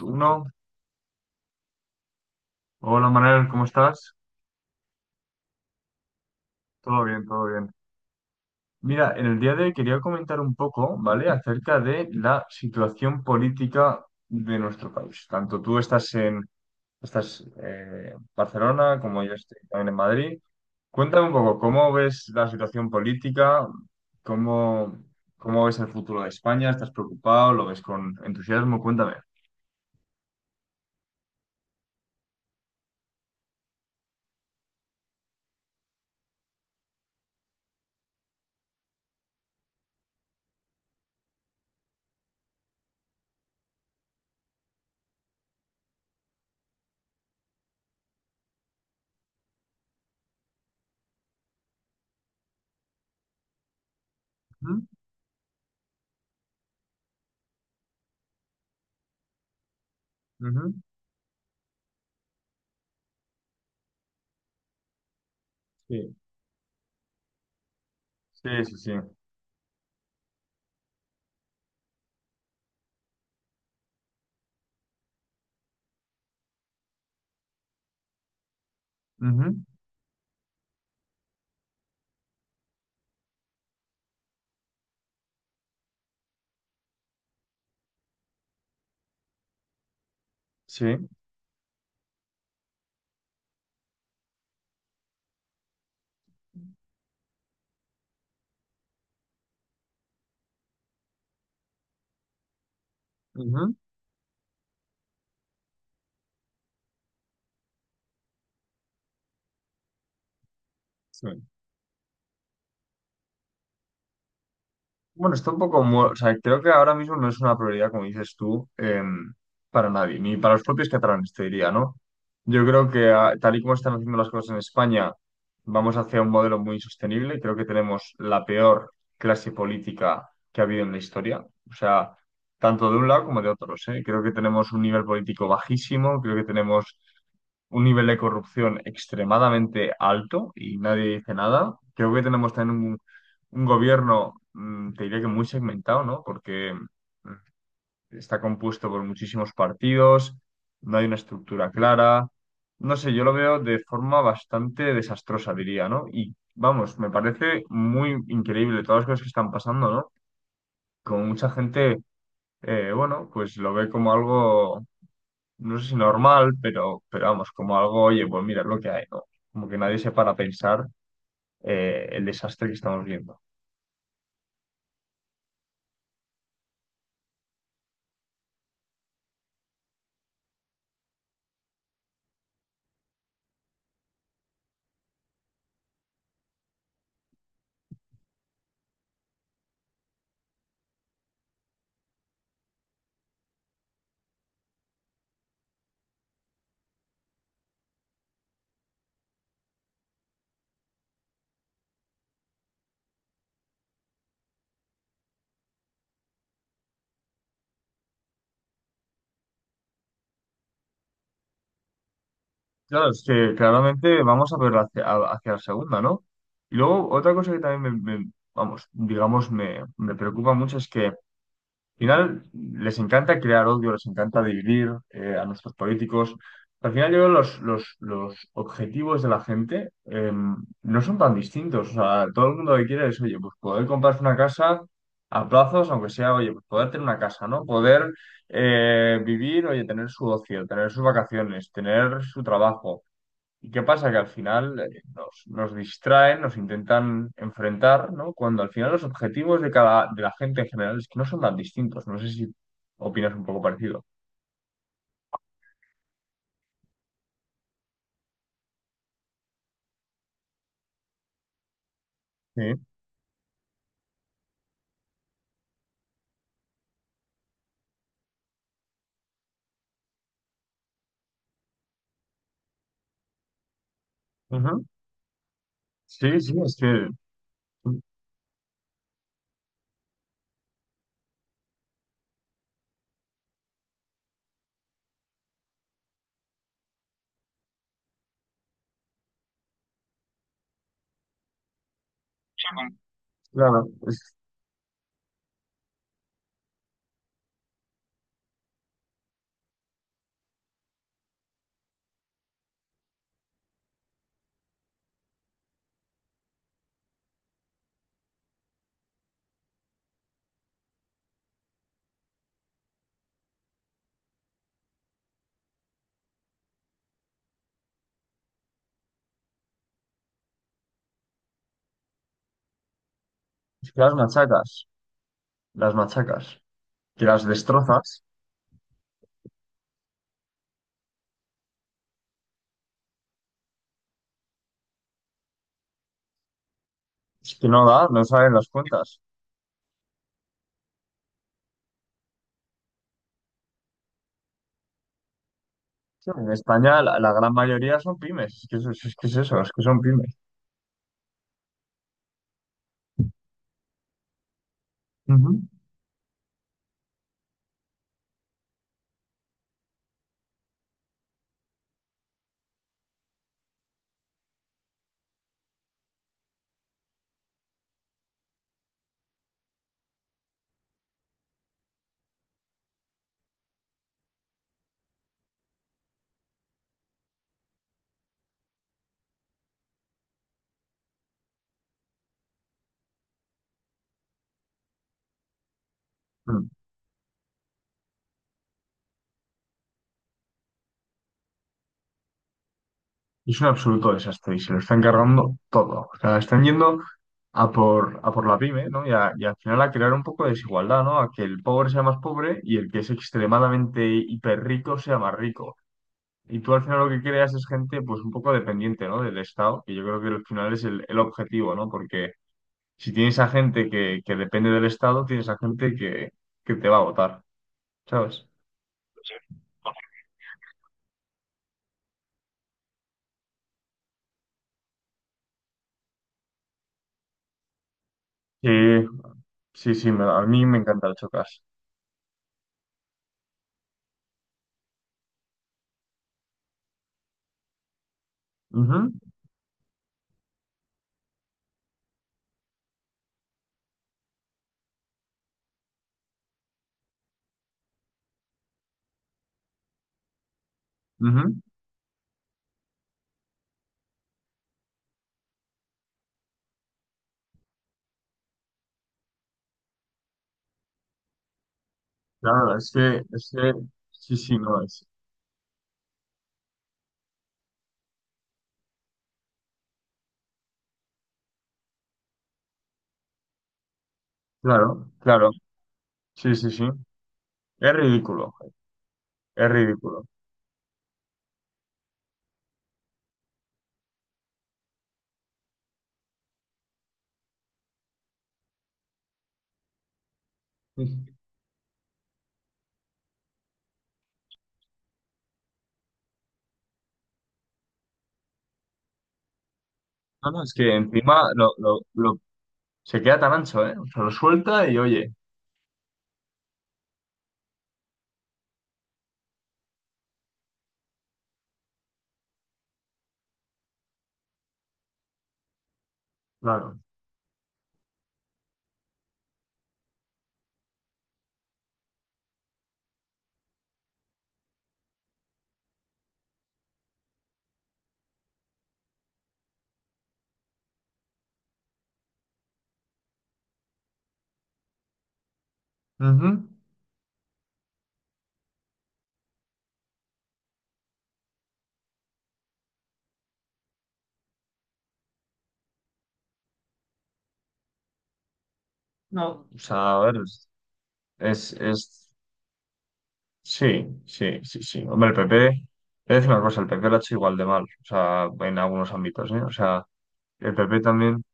Uno, hola Manuel, ¿cómo estás? Todo bien, todo bien. Mira, en el día de hoy quería comentar un poco, ¿vale?, acerca de la situación política de nuestro país. Tanto tú estás en en Barcelona como yo estoy también en Madrid. Cuéntame un poco, ¿cómo ves la situación política? ¿Cómo, ¿Cómo ves el futuro de España? ¿Estás preocupado? ¿Lo ves con entusiasmo? Cuéntame. Ujú, ujú, sí, sí, sí, sí. Ujú, sí, ujú, sí. Bueno, está un poco, o sea, creo que ahora mismo no es una prioridad, como dices tú, para nadie, ni para los propios catalanes, te diría, ¿no? Yo creo que tal y como están haciendo las cosas en España, vamos hacia un modelo muy insostenible. Creo que tenemos la peor clase política que ha habido en la historia, o sea, tanto de un lado como de otros, ¿eh? Creo que tenemos un nivel político bajísimo, creo que tenemos un nivel de corrupción extremadamente alto y nadie dice nada. Creo que tenemos también un gobierno, te diría que muy segmentado, ¿no? Porque mm, está compuesto por muchísimos partidos, no hay una estructura clara. No sé, yo lo veo de forma bastante desastrosa, diría, ¿no? Y vamos, me parece muy increíble todas las cosas que están pasando, ¿no? Como mucha gente, bueno, pues lo ve como algo no sé si normal, pero vamos, como algo, oye, pues mira, es lo que hay, ¿no? Como que nadie se para a pensar el desastre que estamos viendo. Claro, es que claramente vamos a ver hacia, hacia la segunda, ¿no? Y luego otra cosa que también vamos, digamos, me preocupa mucho es que al final, les encanta crear odio, les encanta dividir a nuestros políticos. Al final, yo creo que los objetivos de la gente no son tan distintos. O sea, todo el mundo lo que quiere es, oye, pues poder comprarse una casa a plazos, aunque sea, oye, pues poder tener una casa, ¿no? Poder vivir, oye, tener su ocio, tener sus vacaciones, tener su trabajo. ¿Y qué pasa? Que al final nos distraen, nos intentan enfrentar, ¿no? Cuando al final los objetivos de de la gente en general es que no son tan distintos. No sé si opinas un poco parecido. Sí. Ujú. Sí, sí, claro, es que las machacas, que las destrozas, es que no da, no saben las cuentas. Sí, en España la gran mayoría son pymes, es que, es que es eso, es que son pymes. Ujú. Es un absoluto desastre y se lo están cargando todo. O sea, están yendo a por la pyme, ¿no? Y, y al final a crear un poco de desigualdad, ¿no? A que el pobre sea más pobre y el que es extremadamente hiperrico sea más rico. Y tú al final lo que creas es gente, pues un poco dependiente, ¿no? Del Estado, que yo creo que al final es el objetivo, ¿no? Porque si tienes a gente que depende del Estado, tienes a gente que te va a votar, ¿sabes? Sí, sí, sí, me- a mí me encanta el chocas. Ujú, ujú. Claro, sí, sí, no es. Claro, claro, sí, sí, sí. Es ridículo, es ridículo. No, no, es que encima lo- se queda tan ancho, ¿eh? O sea, lo suelta y oye, claro. Ujú. No, o sea, a ver, es, es- sí, sí, sí, sí. Hombre, el PP, es una cosa, el PP lo ha hecho igual de mal, o sea, en algunos ámbitos, ¿eh? O sea, el PP también.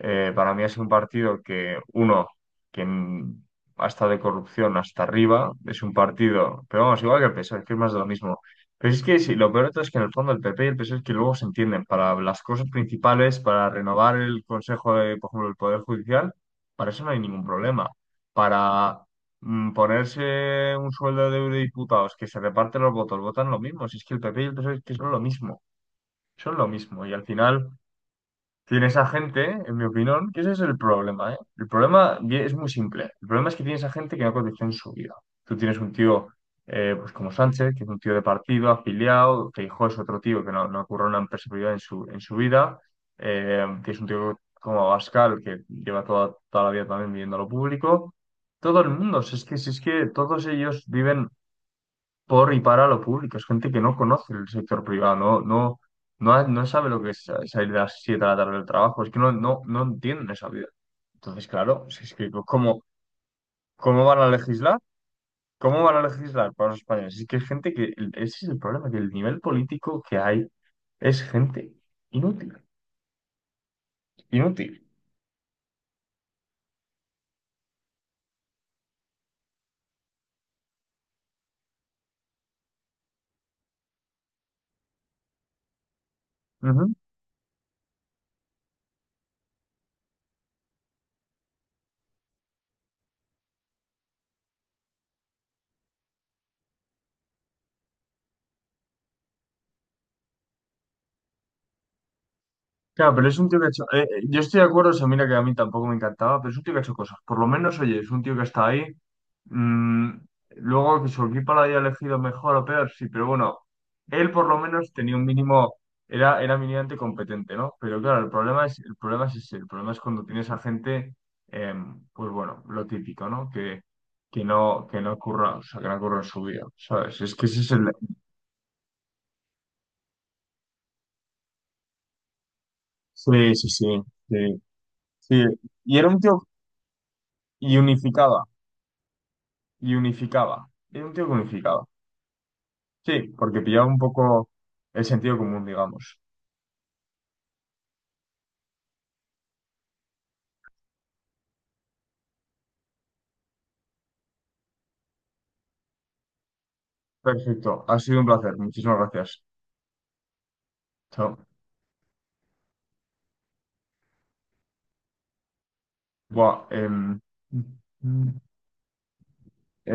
Para mí ha sido un partido que, uno, que ha estado de corrupción hasta arriba, es un partido, pero vamos, igual que el PSOE, que es más de lo mismo. Pero es que sí, lo peor de todo es que en el fondo el PP y el PSOE es que luego se entienden para las cosas principales, para renovar el Consejo de, por ejemplo, el Poder Judicial, para eso no hay ningún problema. Para ponerse un sueldo de eurodiputados, que se reparten los votos, votan lo mismo. Si es que el PP y el PSOE es que son lo mismo, son lo mismo. Y al final tienes a gente, en mi opinión, que ese es el problema, ¿eh? El problema es muy simple. El problema es que tienes a gente que no cotiza en su vida. Tú tienes un tío, pues como Sánchez, que es un tío de partido, afiliado, Feijóo es otro tío que no ocurre una empresa privada en en su vida. Tienes un tío como Abascal, que lleva toda la vida también viviendo a lo público. Todo el mundo, si es que todos ellos viven por y para lo público. Es gente que no conoce el sector privado, no sabe lo que es salir de las 7 de la tarde del trabajo, es que no entienden esa vida. Entonces, claro, si es que ¿cómo, ¿cómo van a legislar? ¿Cómo van a legislar para los españoles? Es que es gente que, ese es el problema, que el nivel político que hay es gente inútil, inútil. Claro, pero es un tío que ha hecho. Yo estoy de acuerdo, o sea, mira que a mí tampoco me encantaba, pero es un tío que ha hecho cosas. Por lo menos, oye, es un tío que está ahí. Mm, Luego que su equipo lo haya elegido mejor o peor, sí, pero bueno, él por lo menos tenía un mínimo, era mínimamente competente, ¿no? Pero claro, el problema es ese, el problema es cuando tienes a gente, pues bueno, lo típico, ¿no? Que que no curra, o sea, que no curra en su vida, ¿sabes? Es que ese es el... Sí, sí, sí, sí, sí. Y era un tío y unificaba, y unificaba. Era un tío que unificaba. Sí, porque pillaba un poco el sentido común, digamos. Perfecto, ha sido un placer. Muchísimas gracias. Chao. Buah,